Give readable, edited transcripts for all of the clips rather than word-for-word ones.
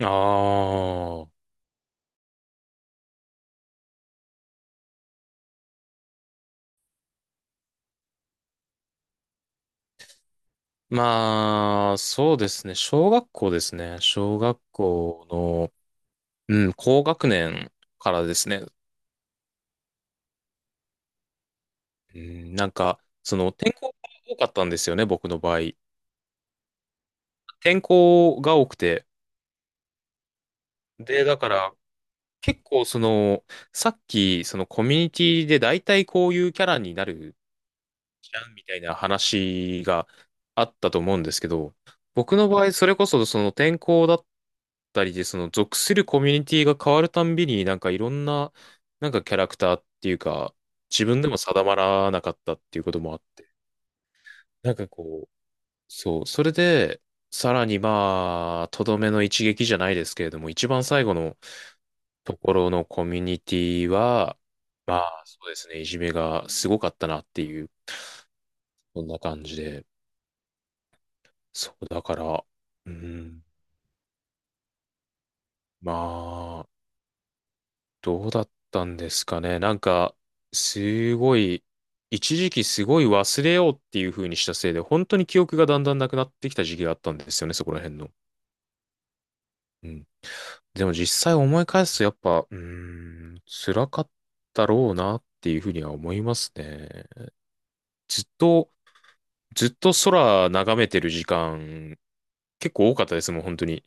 ああ。まあ、そうですね。小学校ですね。小学校の、うん、高学年からですね。転校が多かったんですよね、僕の場合。転校が多くて。で、だから、結構その、さっき、そのコミュニティで大体こういうキャラになるじゃんみたいな話があったと思うんですけど、僕の場合、それこそその転校だったりで、その属するコミュニティが変わるたんびに、なんかいろんな、なんかキャラクターっていうか、自分でも定まらなかったっていうこともあって、なんかこう、そう、それで、さらにまあ、とどめの一撃じゃないですけれども、一番最後のところのコミュニティは、まあそうですね、いじめがすごかったなっていう、そんな感じで。そう、だから、うん、まあ、どうだったんですかね。なんか、すごい、一時期すごい忘れようっていう風にしたせいで、本当に記憶がだんだんなくなってきた時期があったんですよね、そこら辺の。うん。でも実際思い返すと、やっぱ、辛かったろうなっていう風には思いますね。ずっと、ずっと空眺めてる時間、結構多かったですもん、本当に。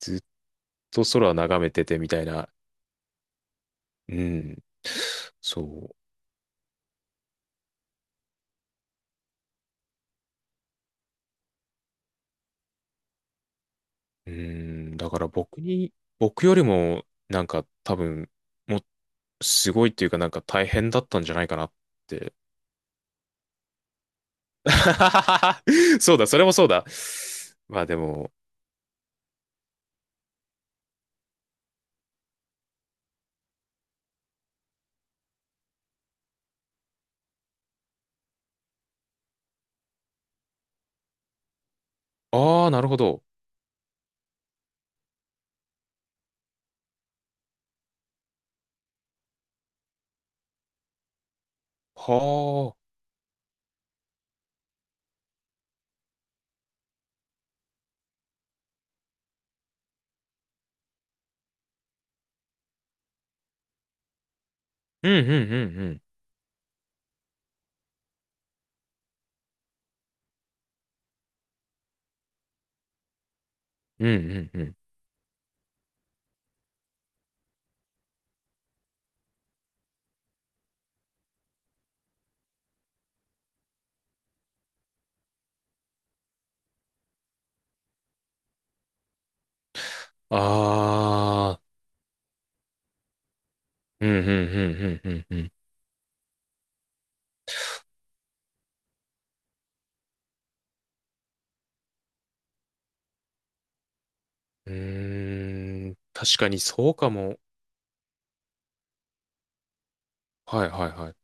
ずっと空眺めててみたいな。うん。そう。うん。だから僕に、僕よりも、なんか多分、もう、すごいっていうか大変だったんじゃないかなって。そうだ、それもそうだ。まあでも、ああ、なるほど。はあ。うんうんうんうん。うんうんうん。ああ。うんうんうんうんうんうん。うーん。確かにそうかも。はいはいはい。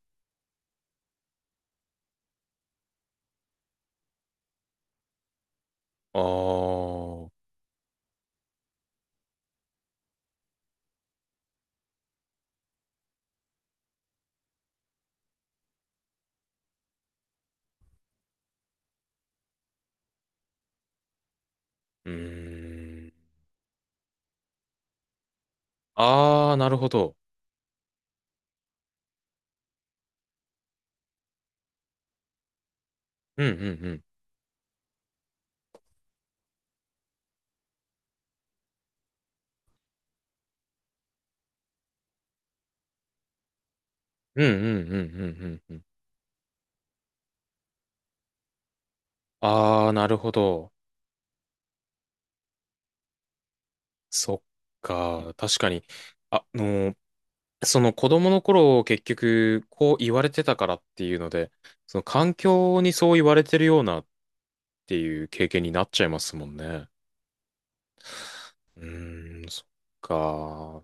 ああ。うーん。ああ、なるほど。うんうんうん。うんうんうんうんうんうん。ああ、なるほど。そっか。確かに。ああのー、その子供の頃結局こう言われてたからっていうので、その環境にそう言われてるようなっていう経験になっちゃいますもんね。そっか。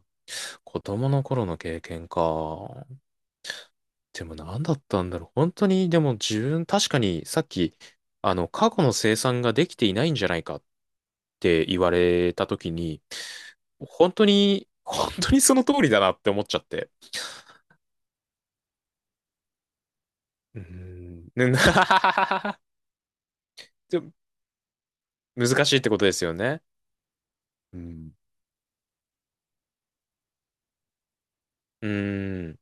子供の頃の経験か。でも何だったんだろう。本当に、でも自分、確かにさっき、過去の生産ができていないんじゃないかって言われた時に、本当にその通りだなって思っちゃって。うーん。ねな でも難しいってことですよね。うん。うーん。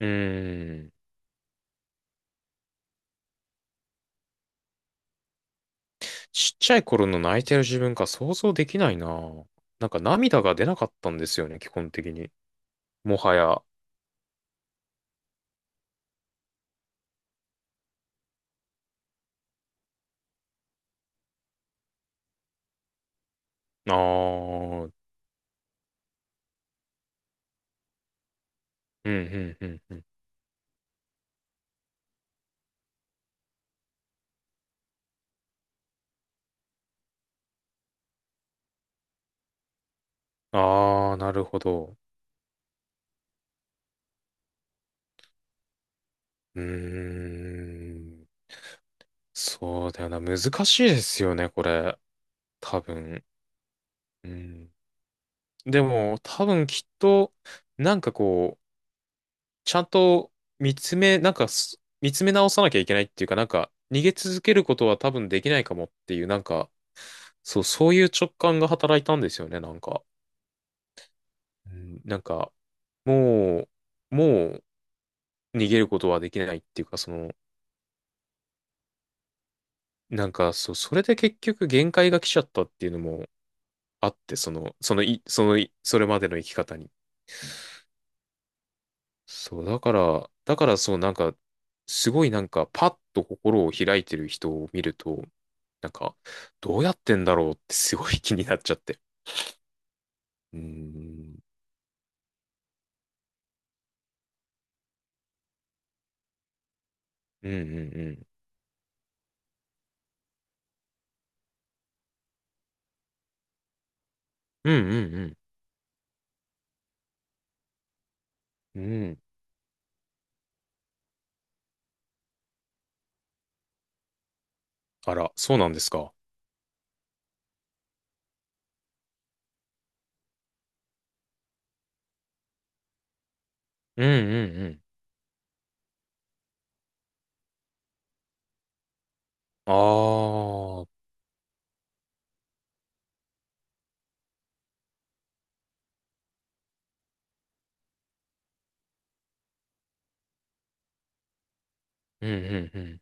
うーん。ちっちゃい頃の泣いてる自分が想像できないな。なんか涙が出なかったんですよね、基本的に。もはや。ああ。うん、うん。ああ、なるほど。うーん。そうだよな。難しいですよね、これ。多分。うん。でも、多分きっと、なんかこう、ちゃんと見つめ直さなきゃいけないっていうか、逃げ続けることは多分できないかもっていう、そういう直感が働いたんですよね、なんか。うん、なんか、ももう逃げることはできないっていうか、それで結局限界が来ちゃったっていうのもあって、その、そのい、そのい、それまでの生き方に。だから、すごいなんか、パッと心を開いてる人を見ると、なんか、どうやってんだろうってすごい 気になっちゃって。うーん、うんうんうん。うんうんうん。うん。あら、そうなんですか。うんうんうん。ああ、うんうんうん。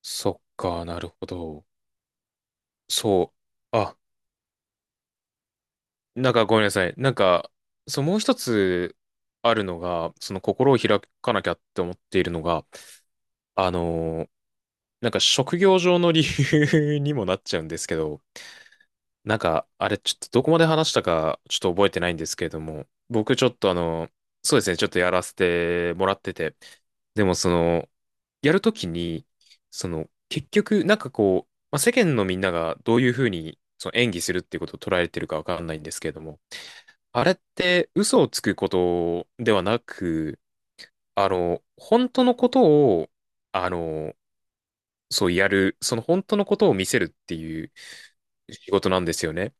そっか、なるほど。そう。なんかごめんなさい。もう一つあるのが、その心を開かなきゃって思っているのが、あのーなんか職業上の理由 にもなっちゃうんですけど、なんか、あれ、ちょっとどこまで話したか、ちょっと覚えてないんですけれども、僕ちょっと、そうですね、ちょっとやらせてもらってて、でもその、やるときに、結局、世間のみんながどういうふうに、その演技するっていうことを捉えてるかわかんないんですけれども、あれって嘘をつくことではなく、あの、本当のことを、あの、そうやる、その本当のことを見せるっていう仕事なんですよね。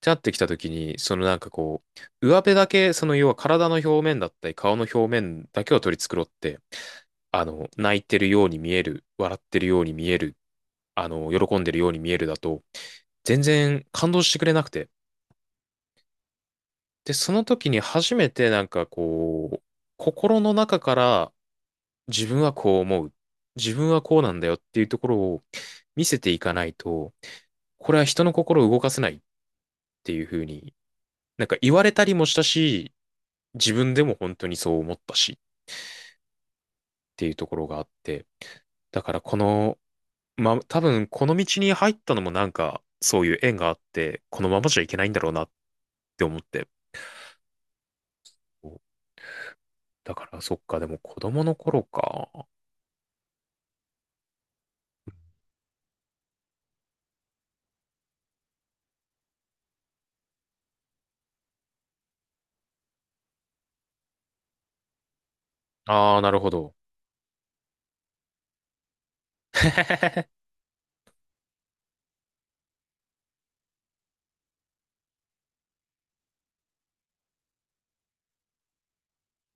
じゃってきた時に、上辺だけ、その要は体の表面だったり、顔の表面だけを取り繕って、泣いてるように見える、笑ってるように見える、喜んでるように見えるだと、全然感動してくれなくて、で、その時に初めて心の中から自分はこう思う。自分はこうなんだよっていうところを見せていかないと、これは人の心を動かせないっていうふうに、なんか言われたりもしたし、自分でも本当にそう思ったしっていうところがあって、だからこの、まあ、多分この道に入ったのもなんかそういう縁があって、このままじゃいけないんだろうなって思って。だからそっか、でも子供の頃か。ああ、なるほど。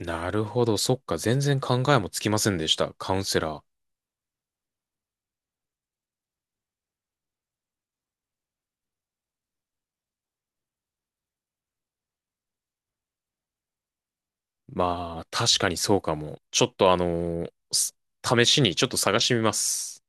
なるほど。そっか。全然考えもつきませんでした。カウンセラー。まあ、確かにそうかも。ちょっとあのーす試しにちょっと探してみます。